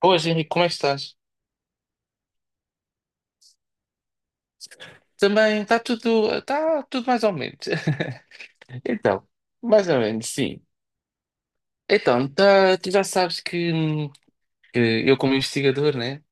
Boas, Henrique, como é que estás? Também está tudo mais ou menos. Então, mais ou menos, sim. Então, tu já sabes que eu, como investigador, né,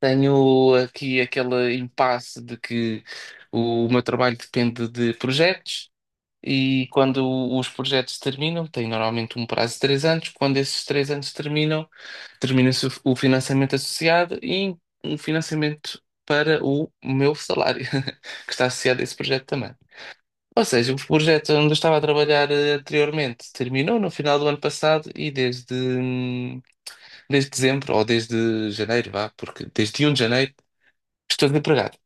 tenho aqui aquele impasse de que meu trabalho depende de projetos e quando os projetos terminam, tem normalmente um prazo de 3 anos, quando esses 3 anos terminam, termina-se o financiamento associado e um financiamento para o meu salário, que está associado a esse projeto também. Ou seja, o projeto onde eu estava a trabalhar anteriormente terminou no final do ano passado e desde dezembro, ou desde janeiro, vá, porque desde um de janeiro estou desempregado.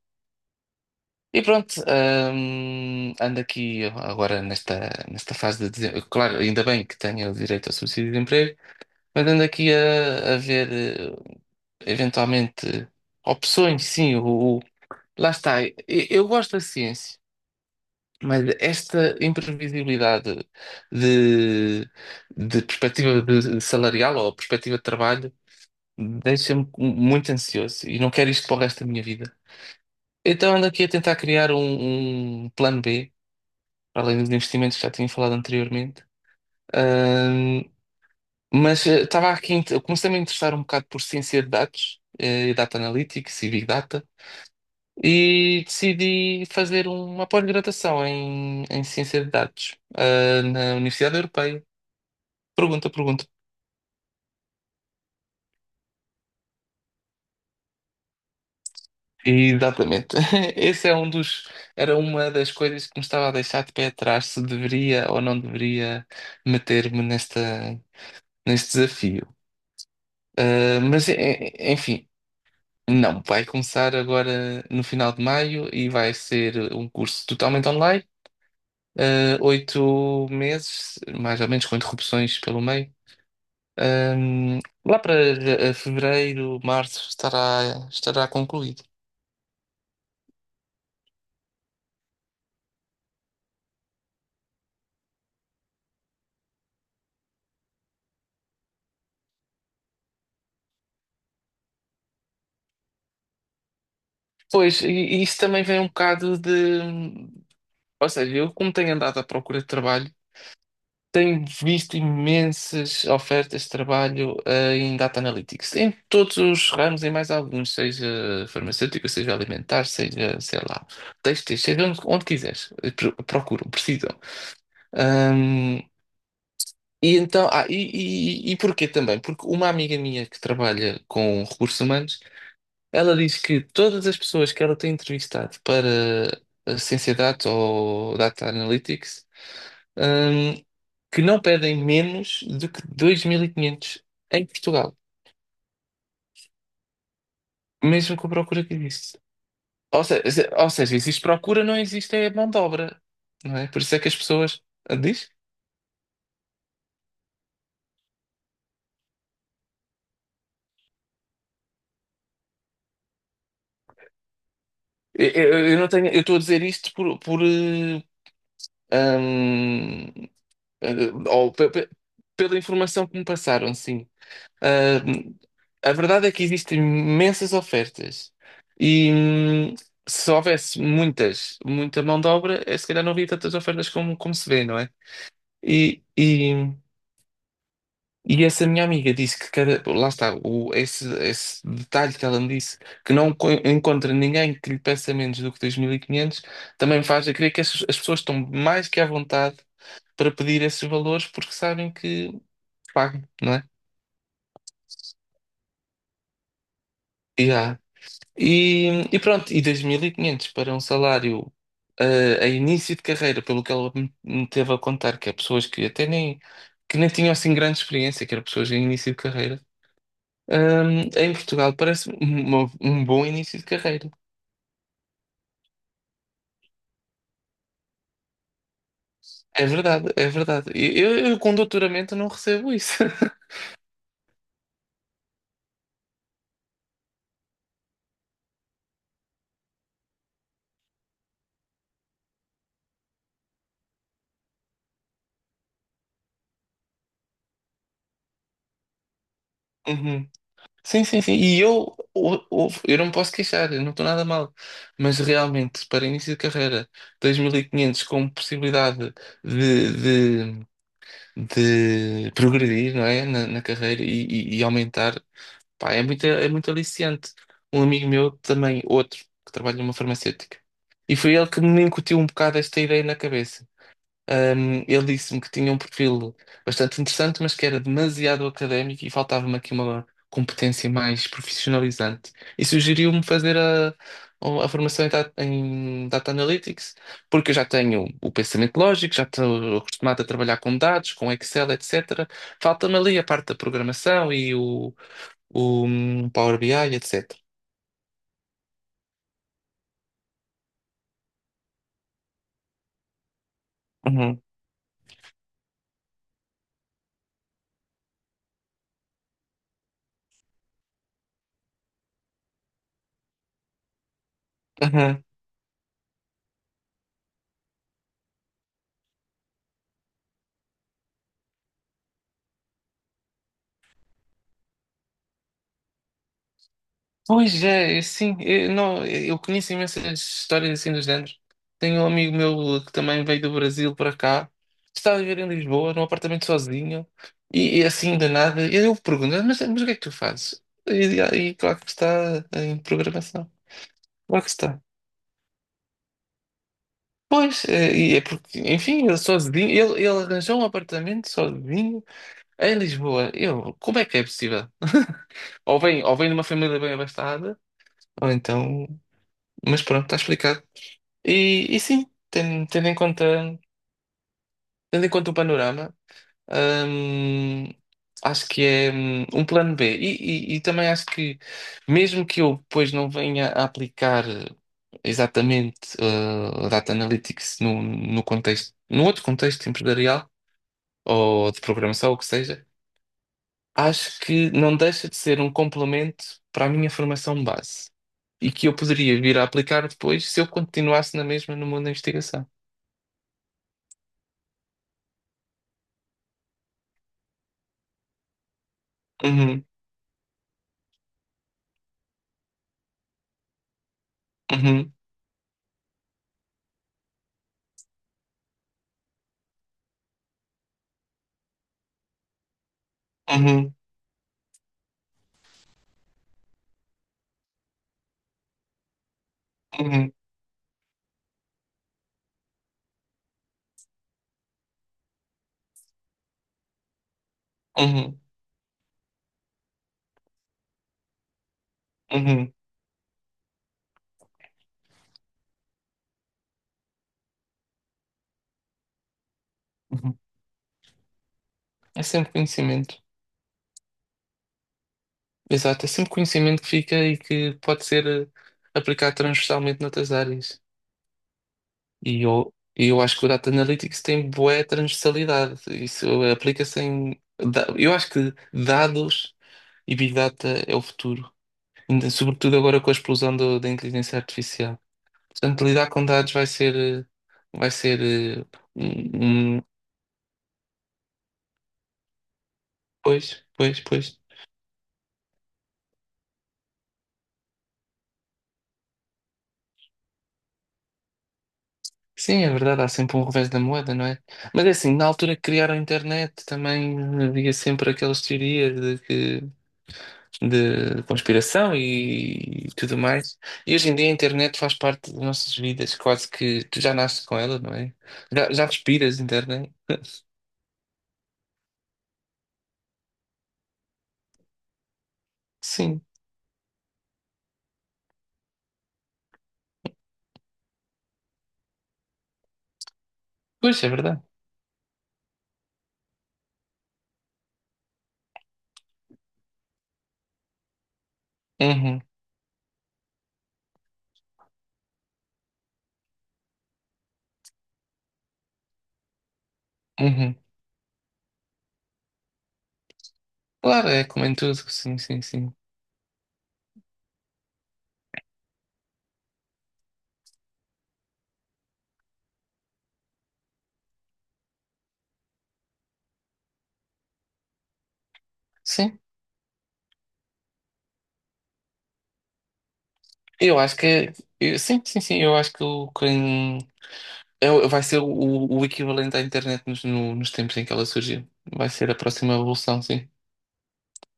E pronto, ando aqui agora nesta fase de dezembro. Claro, ainda bem que tenho o direito ao subsídio de emprego, mas ando aqui a ver eh, eventualmente opções, sim, lá está. Eu gosto da ciência. Mas esta imprevisibilidade de, de perspectiva de salarial ou perspectiva de trabalho deixa-me muito ansioso e não quero isto para o resto da minha vida. Então ando aqui a tentar criar um plano B, para além dos investimentos que já tinha falado anteriormente. Ahm, mas estava aqui, eu comecei-me a interessar um bocado por ciência de dados, e data analytics e big data. E decidi fazer uma pós-graduação em ciência de dados, na Universidade Europeia. Pergunta, pergunta. Exatamente. Esse é um dos, era uma das coisas que me estava a deixar de pé atrás, se deveria ou não deveria meter-me neste desafio. Mas, enfim, não, vai começar agora no final de maio e vai ser um curso totalmente online, 8 meses, mais ou menos, com interrupções pelo meio. Ahm, lá para fevereiro, março, estará concluído. Pois, e isso também vem um bocado de. Ou seja, eu, como tenho andado à procura de trabalho, tenho visto imensas ofertas de trabalho em Data Analytics, em todos os ramos, em mais alguns, seja farmacêutico, seja alimentar, seja, sei lá, têxteis, seja onde quiseres, procuram, precisam. E então, e porquê também? Porque uma amiga minha que trabalha com recursos humanos, ela diz que todas as pessoas que ela tem entrevistado para a Ciência Data ou Data Analytics, hum, que não pedem menos do que 2.500 em Portugal, mesmo com a procura que existe. Ou seja, ou seja, existe procura, não existe é mão de obra, não é? Por isso é que as pessoas... Ah, diz? Eu não tenho, eu estou a dizer isto eh, hum, Eh, ou pe- pe- pela informação que me passaram, sim. Ah, a verdade é que existem imensas ofertas e se houvesse muita mão de obra, se calhar não havia tantas ofertas como se vê, não é? E, e, e essa minha amiga disse que lá está, esse detalhe que ela me disse, que não co- encontra ninguém que lhe peça menos do que 2500. Também me faz a crer que as pessoas estão mais que à vontade para pedir esses valores porque sabem que pago, não é? Yeah. E pronto, e 2.500 para um salário a início de carreira, pelo que ela me teve a contar, que é pessoas que até nem, que nem tinham assim grande experiência, que eram pessoas em início de carreira, em Portugal parece um bom início de carreira. É verdade, é verdade. Eu com doutoramento não recebo isso. Sim, sim, sim. E eu não me posso queixar, eu não estou nada mal. Mas realmente, para início de carreira, 2.500 com possibilidade de, de, de progredir, não é? Na carreira e aumentar, pá, é muito aliciante. Um amigo meu também, outro, que trabalha numa farmacêutica. E foi ele que me incutiu um bocado esta ideia na cabeça. Ele disse-me que tinha um perfil bastante interessante, mas que era demasiado académico e faltava-me aqui uma competência mais profissionalizante. E sugeriu-me fazer a formação em data Analytics, porque eu já tenho o pensamento lógico, já estou acostumado a trabalhar com dados, com Excel, etc. Falta-me ali a parte da programação e o Power BI, etc. Uhum. Pois é, é sim, eu, não, eu conheço imensas histórias assim do género. Tenho um amigo meu que também veio do Brasil para cá, está a viver em Lisboa, num apartamento sozinho, e assim de nada. E eu pergunto, mas o que é que tu fazes? E claro que está em programação. Claro que está. Pois, é, e é porque, enfim, ele sozinho, ele arranjou um apartamento sozinho em Lisboa. Eu, como é que é possível? Ou vem de uma família bem abastada, ou então. Mas pronto, está explicado. E sim, ten- tendo, em conta, tendo em conta o panorama, hum, acho que é um plano B. E também acho que, mesmo que eu depois não venha a aplicar exatamente Data Analytics no contexto, num outro contexto empresarial ou de programação, ou o que seja, acho que não deixa de ser um complemento para a minha formação base e que eu poderia vir a aplicar depois se eu continuasse na mesma no mundo da investigação. Uhum, uhum. Uhum, uhum, uhum, uhum, uhum. É sempre conhecimento. Exato, é sempre conhecimento que fica e que pode ser aplicado transversalmente noutras áreas. E eu acho que o Data Analytics tem boa transversalidade. Isso aplica-se em. Eu acho que dados e Big Data é o futuro. Sobretudo agora com a da inteligência artificial. Portanto, lidar com dados vai ser. Vai ser. eh, Um, um- Pois, pois, pois. Sim, é verdade, há sempre um revés da moeda, não é? Mas é assim, na altura que criaram a internet também havia sempre aquelas teorias de conspiração tudo mais. E hoje em dia a internet faz parte das nossas vidas, quase que tu já nasces com ela, não é? Já, já respiras internet. Sim, pois é verdade. Uhum, uhum. Claro, é como em tudo, sim, sim, sim. Sim, eu acho que é. Sim, sim, sim, eu acho que o quem. Vai ser o equivalente à internet nos, no- nos tempos em que ela surgiu. Vai ser a próxima evolução, sim.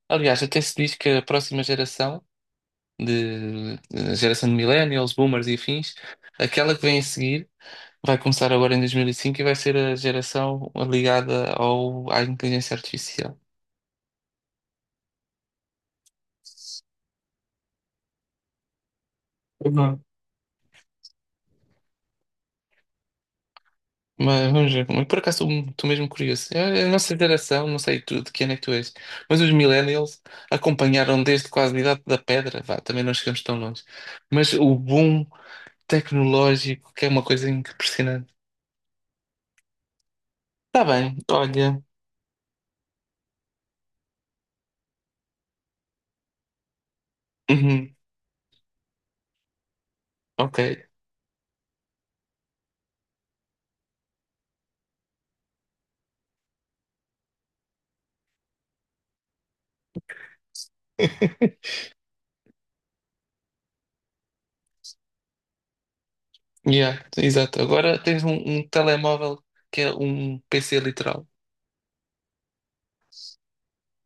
Aliás, até se diz que a próxima geração, a geração de millennials, boomers e afins, aquela que vem a seguir, vai começar agora em 2005 e cinco e vai ser a geração ligada à inteligência artificial. Mas vamos ver. Mas por acaso estou mesmo curioso. É a nossa geração, não sei tu, de que ano é que tu és, mas os millennials acompanharam desde quase a idade da pedra. Vá, também não chegamos tão longe. Mas o boom tecnológico, que é uma coisa impressionante. Está bem, olha. Uhum, ok. Yeah, exato. Agora tens um telemóvel que é um PC literal.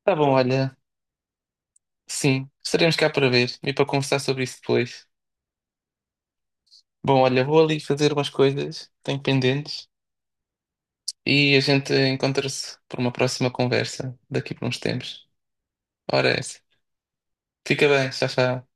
Tá bom, olha. Sim, estaremos cá para ver e para conversar sobre isso depois. Bom, olha, vou ali fazer umas coisas, tenho pendentes. E a gente encontra-se por uma próxima conversa daqui por uns tempos. Ora, é essa. Fica bem, tchau, tchau.